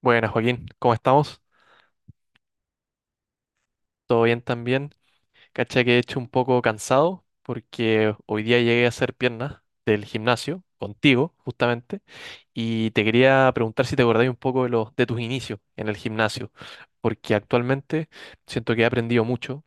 Buenas, Joaquín, ¿cómo estamos? ¿Todo bien también? Cacha que he hecho un poco cansado porque hoy día llegué a hacer piernas del gimnasio contigo, justamente, y te quería preguntar si te acordáis un poco de los de tus inicios en el gimnasio, porque actualmente siento que he aprendido mucho,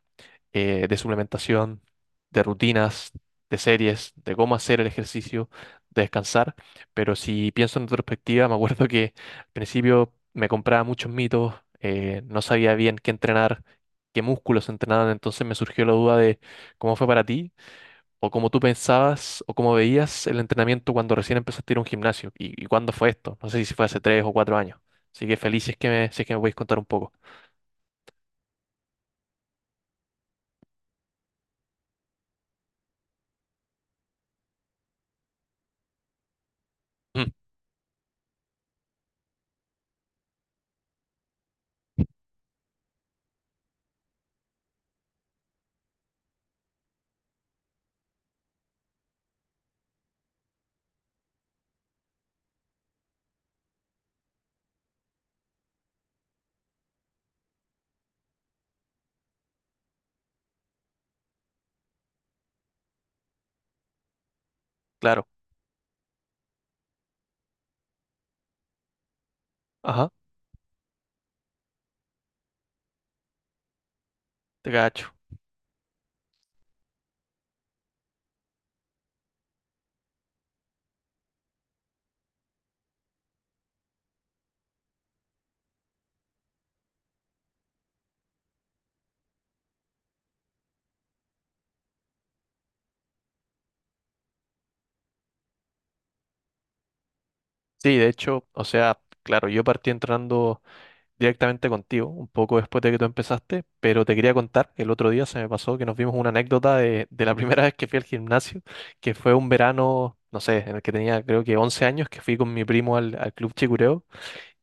de suplementación, de rutinas, de series, de cómo hacer el ejercicio, de descansar. Pero si pienso en retrospectiva, me acuerdo que al principio me compraba muchos mitos, no sabía bien qué entrenar, qué músculos entrenaban, entonces me surgió la duda de cómo fue para ti, o cómo tú pensabas, o cómo veías el entrenamiento cuando recién empezaste a ir a un gimnasio, y cuándo fue esto, no sé si fue hace 3 o 4 años. Así que feliz si es que me, si es que me podéis contar un poco. Mm, claro, ajá, te cacho. Sí, de hecho, o sea, claro, yo partí entrando directamente contigo, un poco después de que tú empezaste, pero te quería contar, el otro día se me pasó que nos vimos una anécdota de la primera vez que fui al gimnasio, que fue un verano, no sé, en el que tenía creo que 11 años, que fui con mi primo al, al Club Chicureo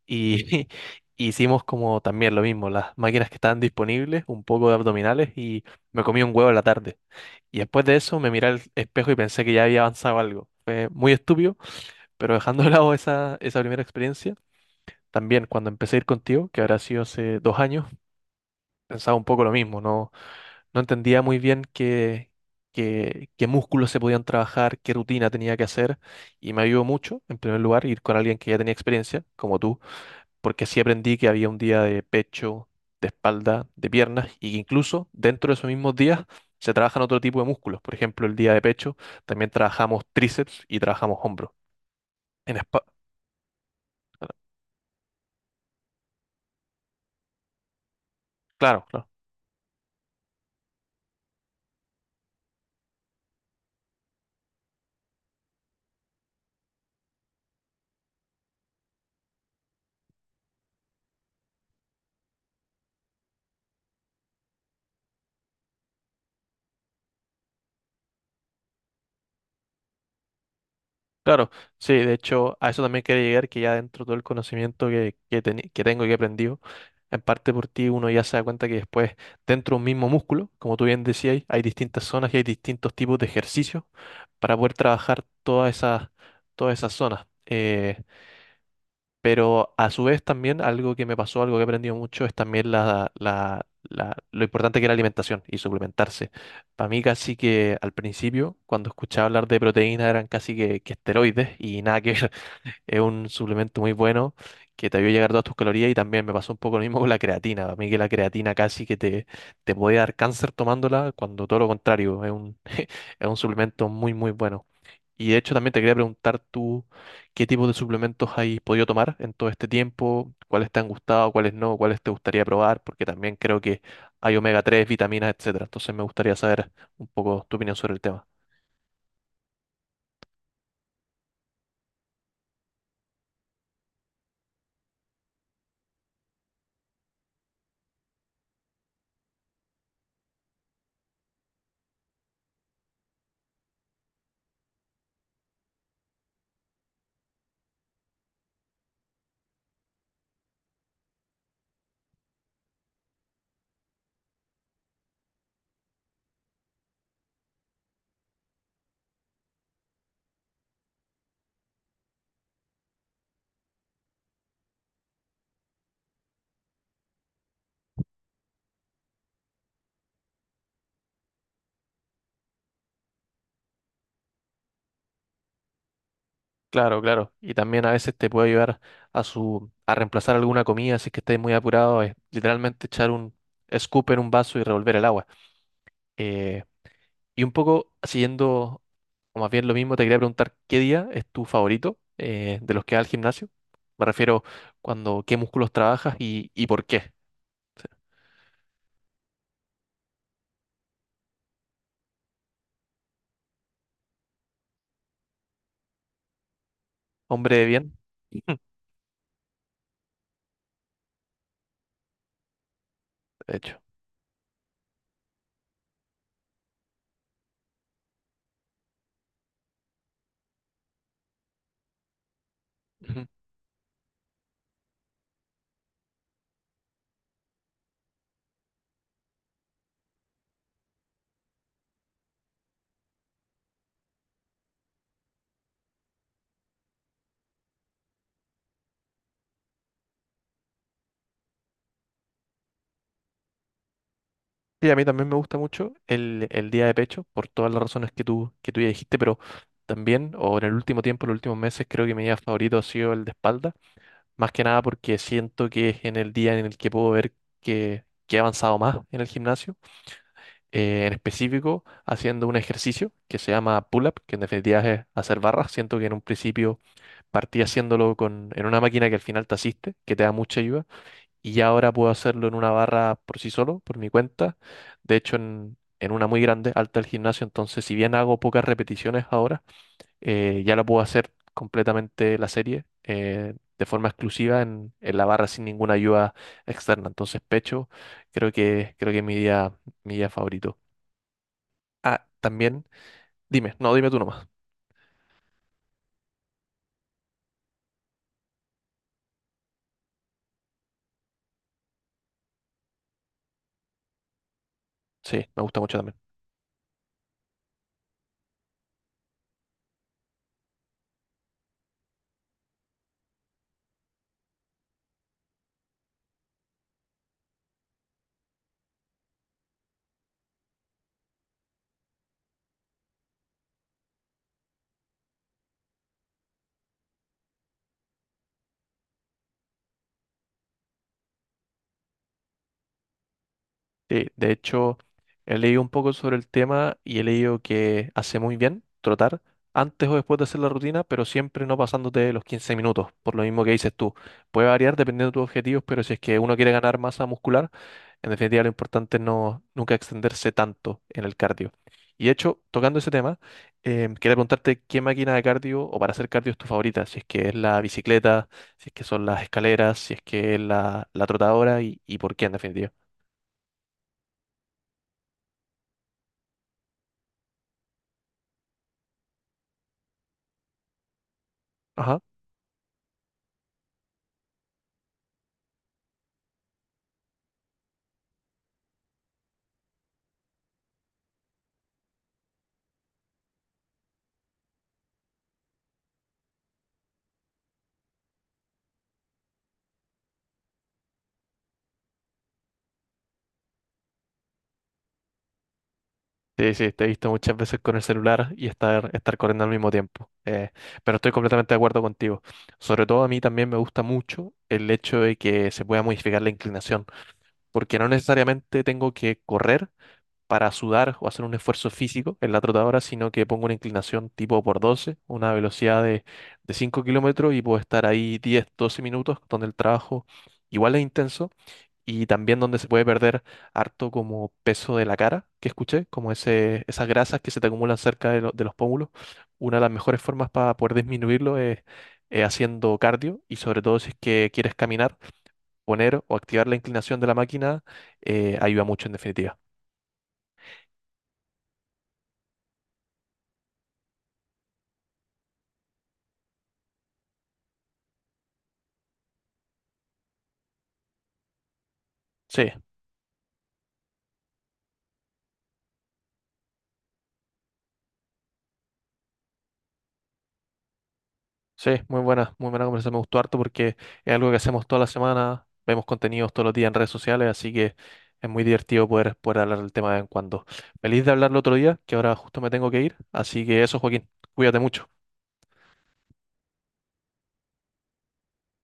y hicimos como también lo mismo, las máquinas que estaban disponibles, un poco de abdominales y me comí un huevo en la tarde. Y después de eso me miré al espejo y pensé que ya había avanzado algo. Fue muy estúpido, pero dejando de lado esa, esa primera experiencia. También cuando empecé a ir contigo, que habrá sido hace 2 años, pensaba un poco lo mismo, no, no entendía muy bien qué, qué músculos se podían trabajar, qué rutina tenía que hacer, y me ayudó mucho, en primer lugar, ir con alguien que ya tenía experiencia, como tú, porque sí aprendí que había un día de pecho, de espalda, de piernas, y que incluso dentro de esos mismos días se trabajan otro tipo de músculos. Por ejemplo, el día de pecho también trabajamos tríceps y trabajamos hombro. En espa- claro, claro. Claro, sí, de hecho, a eso también quería llegar, que ya dentro de todo el conocimiento que, que tengo y que he aprendido, en parte por ti uno ya se da cuenta que después, dentro de un mismo músculo, como tú bien decías, hay distintas zonas y hay distintos tipos de ejercicios para poder trabajar todas esas zonas. Pero a su vez también algo que me pasó, algo que he aprendido mucho, es también lo importante que es la alimentación y suplementarse. Para mí casi que al principio, cuando escuchaba hablar de proteínas, eran casi que esteroides y nada que ver. Es un suplemento muy bueno que te ayuda a llegar todas tus calorías y también me pasó un poco lo mismo con la creatina. A mí que la creatina casi que te puede dar cáncer tomándola, cuando todo lo contrario, es un suplemento muy, muy bueno. Y de hecho también te quería preguntar tú qué tipo de suplementos has podido tomar en todo este tiempo, cuáles te han gustado, cuáles no, cuáles te gustaría probar, porque también creo que hay omega 3 vitaminas, etcétera. Entonces me gustaría saber un poco tu opinión sobre el tema. Claro, claro. Y también a veces te puede ayudar a su a reemplazar alguna comida si es que estés muy apurado. Es literalmente echar un scoop en un vaso y revolver el agua. Eh, y un poco siguiendo, o más bien lo mismo, te quería preguntar qué día es tu favorito de los que vas al gimnasio. Me refiero cuando qué músculos trabajas y por qué. Hombre de bien, de hecho. Sí, a mí también me gusta mucho el día de pecho, por todas las razones que tú ya dijiste, pero también, o en el último tiempo, los últimos meses, creo que mi día favorito ha sido el de espalda, más que nada porque siento que es en el día en el que puedo ver que he avanzado más en el gimnasio, en específico haciendo un ejercicio que se llama pull-up, que en definitiva es hacer barras, siento que en un principio partí haciéndolo con, en una máquina que al final te asiste, que te da mucha ayuda y ya ahora puedo hacerlo en una barra por sí solo, por mi cuenta. De hecho, en una muy grande, alta del gimnasio, entonces si bien hago pocas repeticiones ahora, ya la puedo hacer completamente la serie de forma exclusiva en la barra sin ninguna ayuda externa. Entonces pecho, creo que es mi día favorito. Ah, también, dime, no, dime tú nomás. Sí, me gusta mucho también. Sí, de hecho, he leído un poco sobre el tema y he leído que hace muy bien trotar antes o después de hacer la rutina, pero siempre no pasándote los 15 minutos, por lo mismo que dices tú. Puede variar dependiendo de tus objetivos, pero si es que uno quiere ganar masa muscular, en definitiva lo importante es no, nunca extenderse tanto en el cardio. Y de hecho, tocando ese tema, quería preguntarte qué máquina de cardio o para hacer cardio es tu favorita, si es que es la bicicleta, si es que son las escaleras, si es que es la, la trotadora y por qué en definitiva. Sí, sí, te he visto muchas veces con el celular y estar, estar corriendo al mismo tiempo. Pero estoy completamente de acuerdo contigo. Sobre todo a mí también me gusta mucho el hecho de que se pueda modificar la inclinación, porque no necesariamente tengo que correr para sudar o hacer un esfuerzo físico en la trotadora, sino que pongo una inclinación tipo por 12, una velocidad de 5 kilómetros y puedo estar ahí 10, 12 minutos donde el trabajo igual es intenso y también donde se puede perder harto como peso de la cara, que escuché, como ese, esas grasas que se te acumulan cerca de, lo- de los pómulos. Una de las mejores formas para poder disminuirlo es haciendo cardio y sobre todo si es que quieres caminar, poner o activar la inclinación de la máquina ayuda mucho en definitiva. Sí. Sí, muy buena conversación. Me gustó harto porque es algo que hacemos toda la semana, vemos contenidos todos los días en redes sociales, así que es muy divertido poder, poder hablar del tema de vez en cuando. Feliz de hablarlo otro día, que ahora justo me tengo que ir. Así que eso, Joaquín, cuídate mucho.